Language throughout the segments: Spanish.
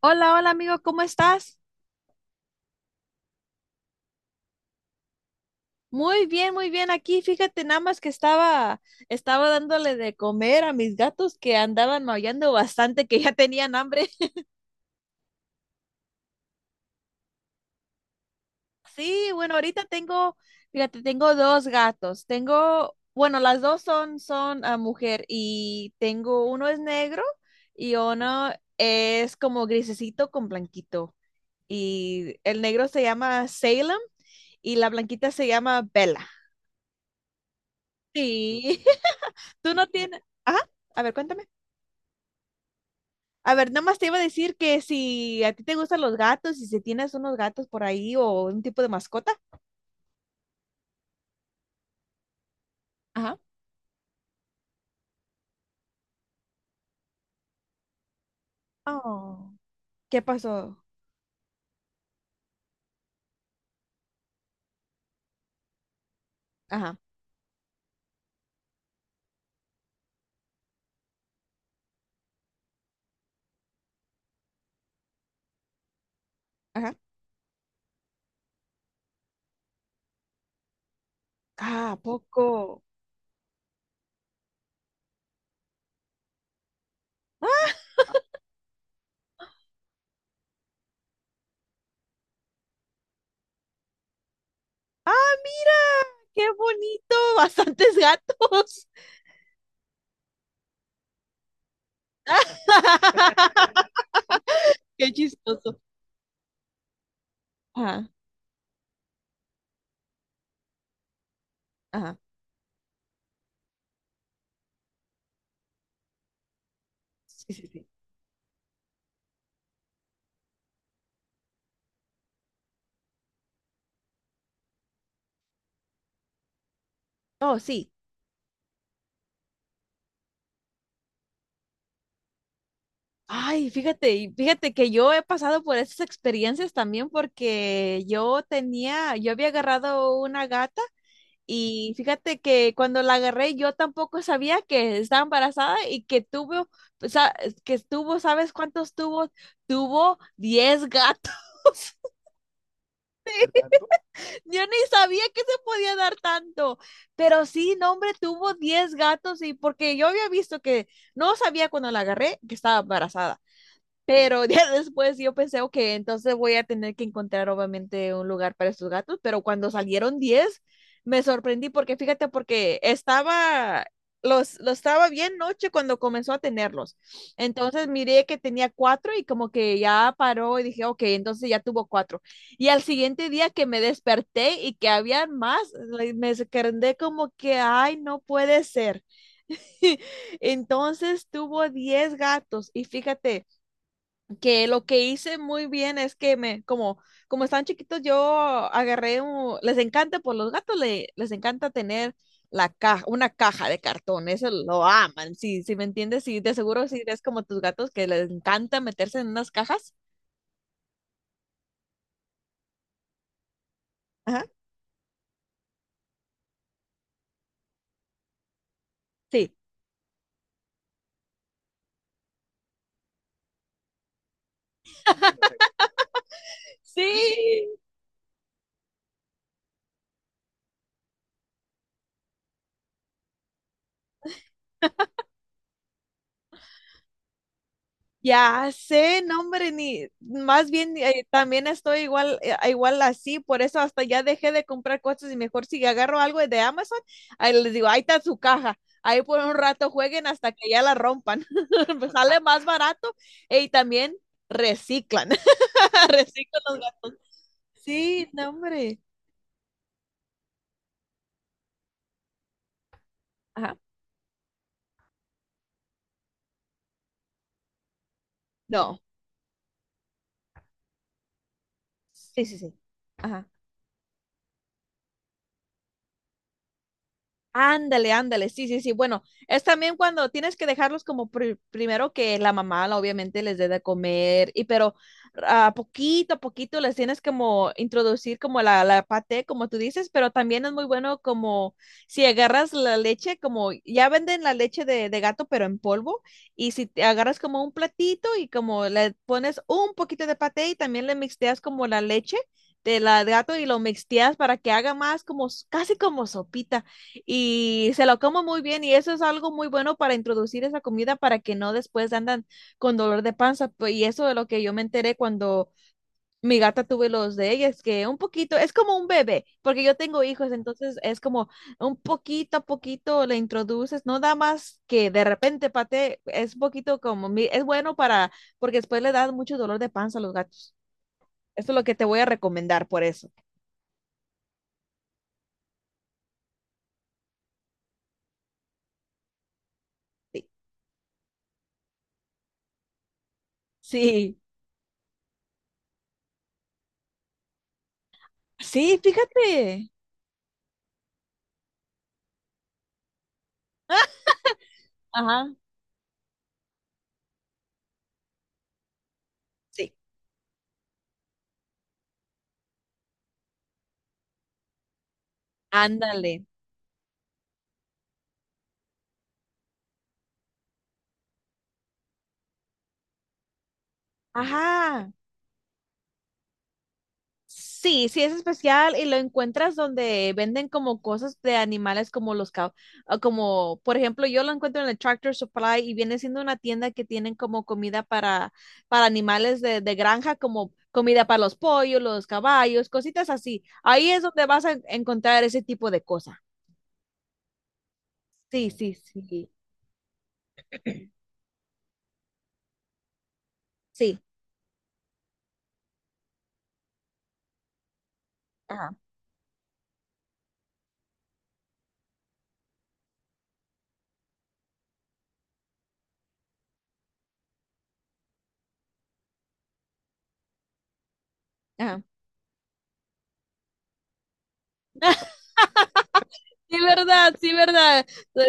Hola, hola amigo, ¿cómo estás? Muy bien, muy bien. Aquí, fíjate, nada más que estaba dándole de comer a mis gatos que andaban maullando bastante, que ya tenían hambre. Sí, bueno, ahorita tengo, fíjate, tengo dos gatos. Tengo, bueno, las dos son, son mujer y tengo uno es negro y uno es como grisecito con blanquito. Y el negro se llama Salem y la blanquita se llama Bella. Sí. Tú no tienes. Ajá. A ver, cuéntame. A ver, nomás te iba a decir que si a ti te gustan los gatos y si tienes unos gatos por ahí o un tipo de mascota. Ajá. Oh, ¿qué pasó? Ajá, ajá. Ah, ¿a poco? ¡Ah! ¡Ah, mira! ¡Qué bonito! Bastantes gatos. Qué chistoso. Ajá, ajá. Sí, sí, sí. Oh, sí. Ay, fíjate, y fíjate que yo he pasado por esas experiencias también porque yo tenía, yo había agarrado una gata y fíjate que cuando la agarré yo tampoco sabía que estaba embarazada y que tuvo, o sea, que estuvo, ¿sabes cuántos tuvo? Tuvo 10 gatos. Yo ni sabía que se podía dar tanto, pero sí, no, hombre, tuvo 10 gatos y porque yo había visto que no sabía cuando la agarré que estaba embarazada. Pero ya después yo pensé, ok, entonces voy a tener que encontrar obviamente un lugar para estos gatos, pero cuando salieron 10 me sorprendí porque fíjate, porque estaba, los estaba bien noche cuando comenzó a tenerlos. Entonces miré que tenía cuatro y como que ya paró y dije, ok, entonces ya tuvo cuatro. Y al siguiente día que me desperté y que habían más, me quedé como que, ay, no puede ser. Entonces tuvo 10 gatos y fíjate que lo que hice muy bien es que me, como, como estaban chiquitos, yo agarré un, les encanta, pues los gatos les encanta tener la caja, una caja de cartón, eso lo aman, si, si me entiendes, sí, de seguro si eres como tus gatos que les encanta meterse en unas cajas. Ajá. Sí. Sí, ya sé, no hombre, ni más bien también estoy igual, igual así, por eso hasta ya dejé de comprar cosas y mejor si agarro algo de Amazon, ahí les digo, ahí está su caja, ahí por un rato jueguen hasta que ya la rompan. Pues sale más barato y también reciclan, reciclan los gatos. Sí, no hombre, ajá, no, sí, sí, sí, ajá. Ándale, ándale, sí, sí, sí. Bueno, es también cuando tienes que dejarlos como primero que la mamá, obviamente, les dé de comer, y pero a poquito les tienes como introducir como la paté, como tú dices, pero también es muy bueno como si agarras la leche, como ya venden la leche de gato, pero en polvo, y si te agarras como un platito y como le pones un poquito de paté y también le mixteas como la leche de la de gato y lo mixteas para que haga más como casi como sopita y se lo como muy bien y eso es algo muy bueno para introducir esa comida para que no después andan con dolor de panza. Pues, y eso de lo que yo me enteré cuando mi gata tuve los de ella, es que un poquito, es como un bebé, porque yo tengo hijos, entonces es como un poquito a poquito le introduces, no da más que de repente pate, es un poquito como, es bueno para, porque después le da mucho dolor de panza a los gatos. Esto es lo que te voy a recomendar por eso. Sí, sí, sí, fíjate. Ajá, sí, ándale. Ajá. Sí, sí es especial y lo encuentras donde venden como cosas de animales como los como por ejemplo yo lo encuentro en el Tractor Supply y viene siendo una tienda que tienen como comida para animales de granja como comida para los pollos, los caballos, cositas así. Ahí es donde vas a encontrar ese tipo de cosas. Sí, sí, sí. Sí. Ajá. Ajá. Sí, verdad, sí, verdad.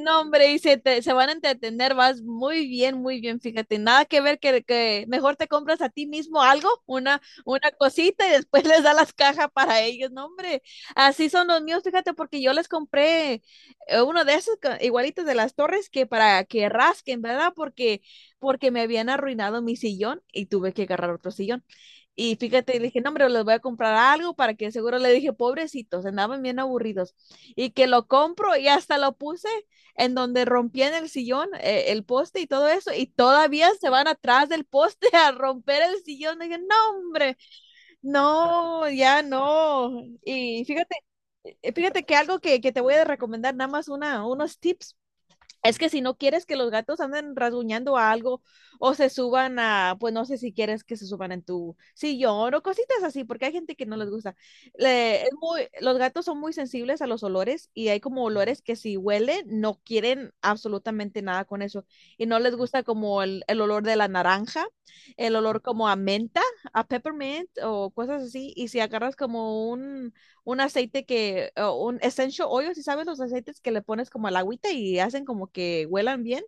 No, hombre, y se, se van a entretener, vas muy bien, fíjate, nada que ver que mejor te compras a ti mismo algo, una cosita y después les da las cajas para ellos, no, hombre, así son los míos, fíjate, porque yo les compré uno de esos igualitos de las torres que para que rasquen, ¿verdad? Porque, porque me habían arruinado mi sillón y tuve que agarrar otro sillón. Y fíjate, le dije, no, hombre, les voy a comprar algo para que seguro le dije, pobrecitos, andaban bien aburridos. Y que lo compro y hasta lo puse en donde rompían el sillón, el poste y todo eso, y todavía se van atrás del poste a romper el sillón. Dije, no, hombre, no, ya no. Y fíjate, fíjate que algo que te voy a recomendar, nada más una, unos tips es que si no quieres que los gatos anden rasguñando a algo o se suban a, pues no sé si quieres que se suban en tu sillón o cositas así, porque hay gente que no les gusta. Los gatos son muy sensibles a los olores y hay como olores que si huelen no quieren absolutamente nada con eso y no les gusta como el olor de la naranja, el olor como a menta, a peppermint o cosas así. Y si agarras como un aceite que, o un essential oil, si sabes los aceites que le pones como al agüita y hacen como que huelan bien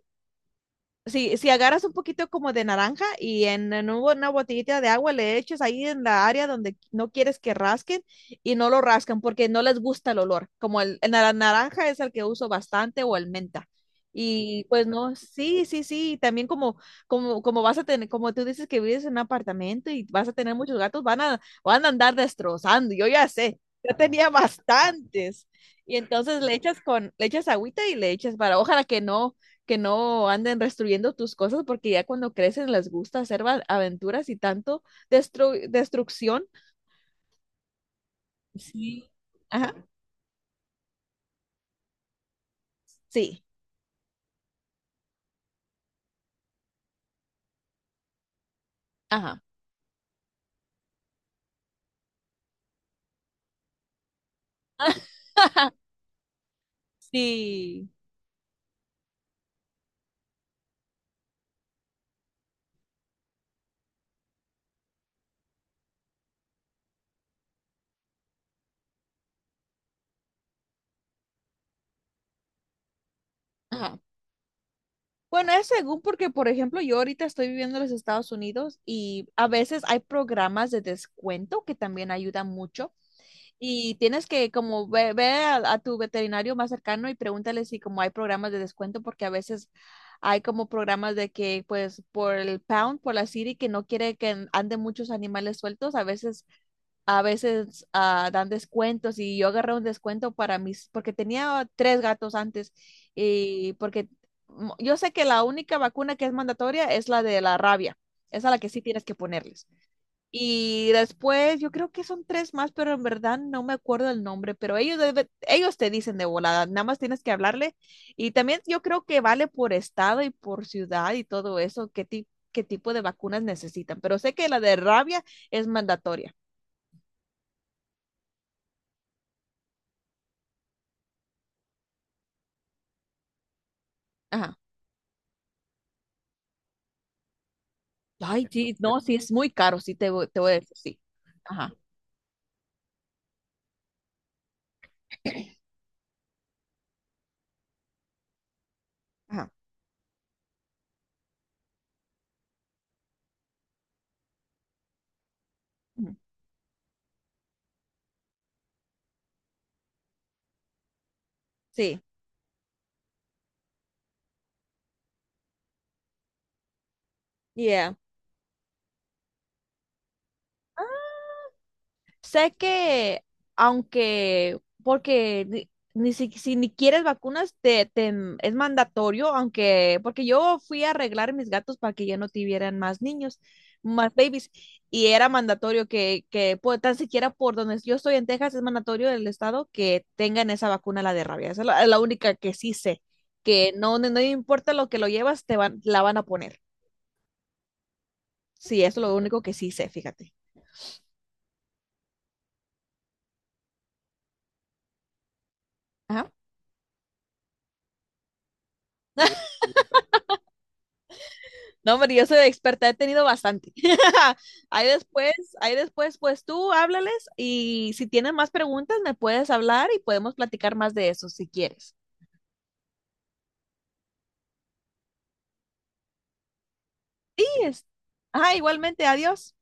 si, si agarras un poquito como de naranja y en una botellita de agua le echas ahí en la área donde no quieres que rasquen y no lo rascan porque no les gusta el olor. Como el naranja es el que uso bastante o el menta. Y pues no, sí, sí, sí, también como, como, como vas a tener, como tú dices que vives en un apartamento y vas a tener muchos gatos, van a, van a andar destrozando, yo ya sé, yo tenía bastantes. Y entonces le echas con, le echas agüita y le echas para, ojalá que no anden destruyendo tus cosas porque ya cuando crecen les gusta hacer aventuras y tanto destrucción. Sí. Ajá. Sí. Ajá. Sí. Ajá. Bueno, es según porque, por ejemplo, yo ahorita estoy viviendo en los Estados Unidos y a veces hay programas de descuento que también ayudan mucho. Y tienes que como ve, ve a tu veterinario más cercano y pregúntale si como hay programas de descuento, porque a veces hay como programas de que pues por el pound, por la city, que no quiere que anden muchos animales sueltos, a veces, a veces dan descuentos y yo agarré un descuento para mis, porque tenía 3 gatos antes y porque yo sé que la única vacuna que es mandatoria es la de la rabia, esa es la que sí tienes que ponerles. Y después, yo creo que son tres más, pero en verdad no me acuerdo el nombre, pero ellos, ellos te dicen de volada, nada más tienes que hablarle. Y también yo creo que vale por estado y por ciudad y todo eso, qué, qué tipo de vacunas necesitan. Pero sé que la de rabia es mandatoria. Ajá. Ay, sí, no, sí, es muy caro, sí, te, te voy a decir, sí. Ajá, ajá. Ujú, sí, yeah. Sé que, aunque, porque ni, ni si, si ni quieres vacunas, te, es mandatorio, aunque, porque yo fui a arreglar mis gatos para que ya no tuvieran más niños, más babies, y era mandatorio que pues, tan siquiera por donde yo estoy en Texas, es mandatorio del estado que tengan esa vacuna, la de rabia. Esa es la única que sí sé, que no, no, no importa lo que lo llevas, te van, la van a poner. Sí, eso es lo único que sí sé, fíjate. Ajá. No, hombre, yo soy experta, he tenido bastante. Ahí después, ahí después, pues tú háblales y si tienes más preguntas me puedes hablar y podemos platicar más de eso si quieres. Sí, es. Ah, igualmente, adiós.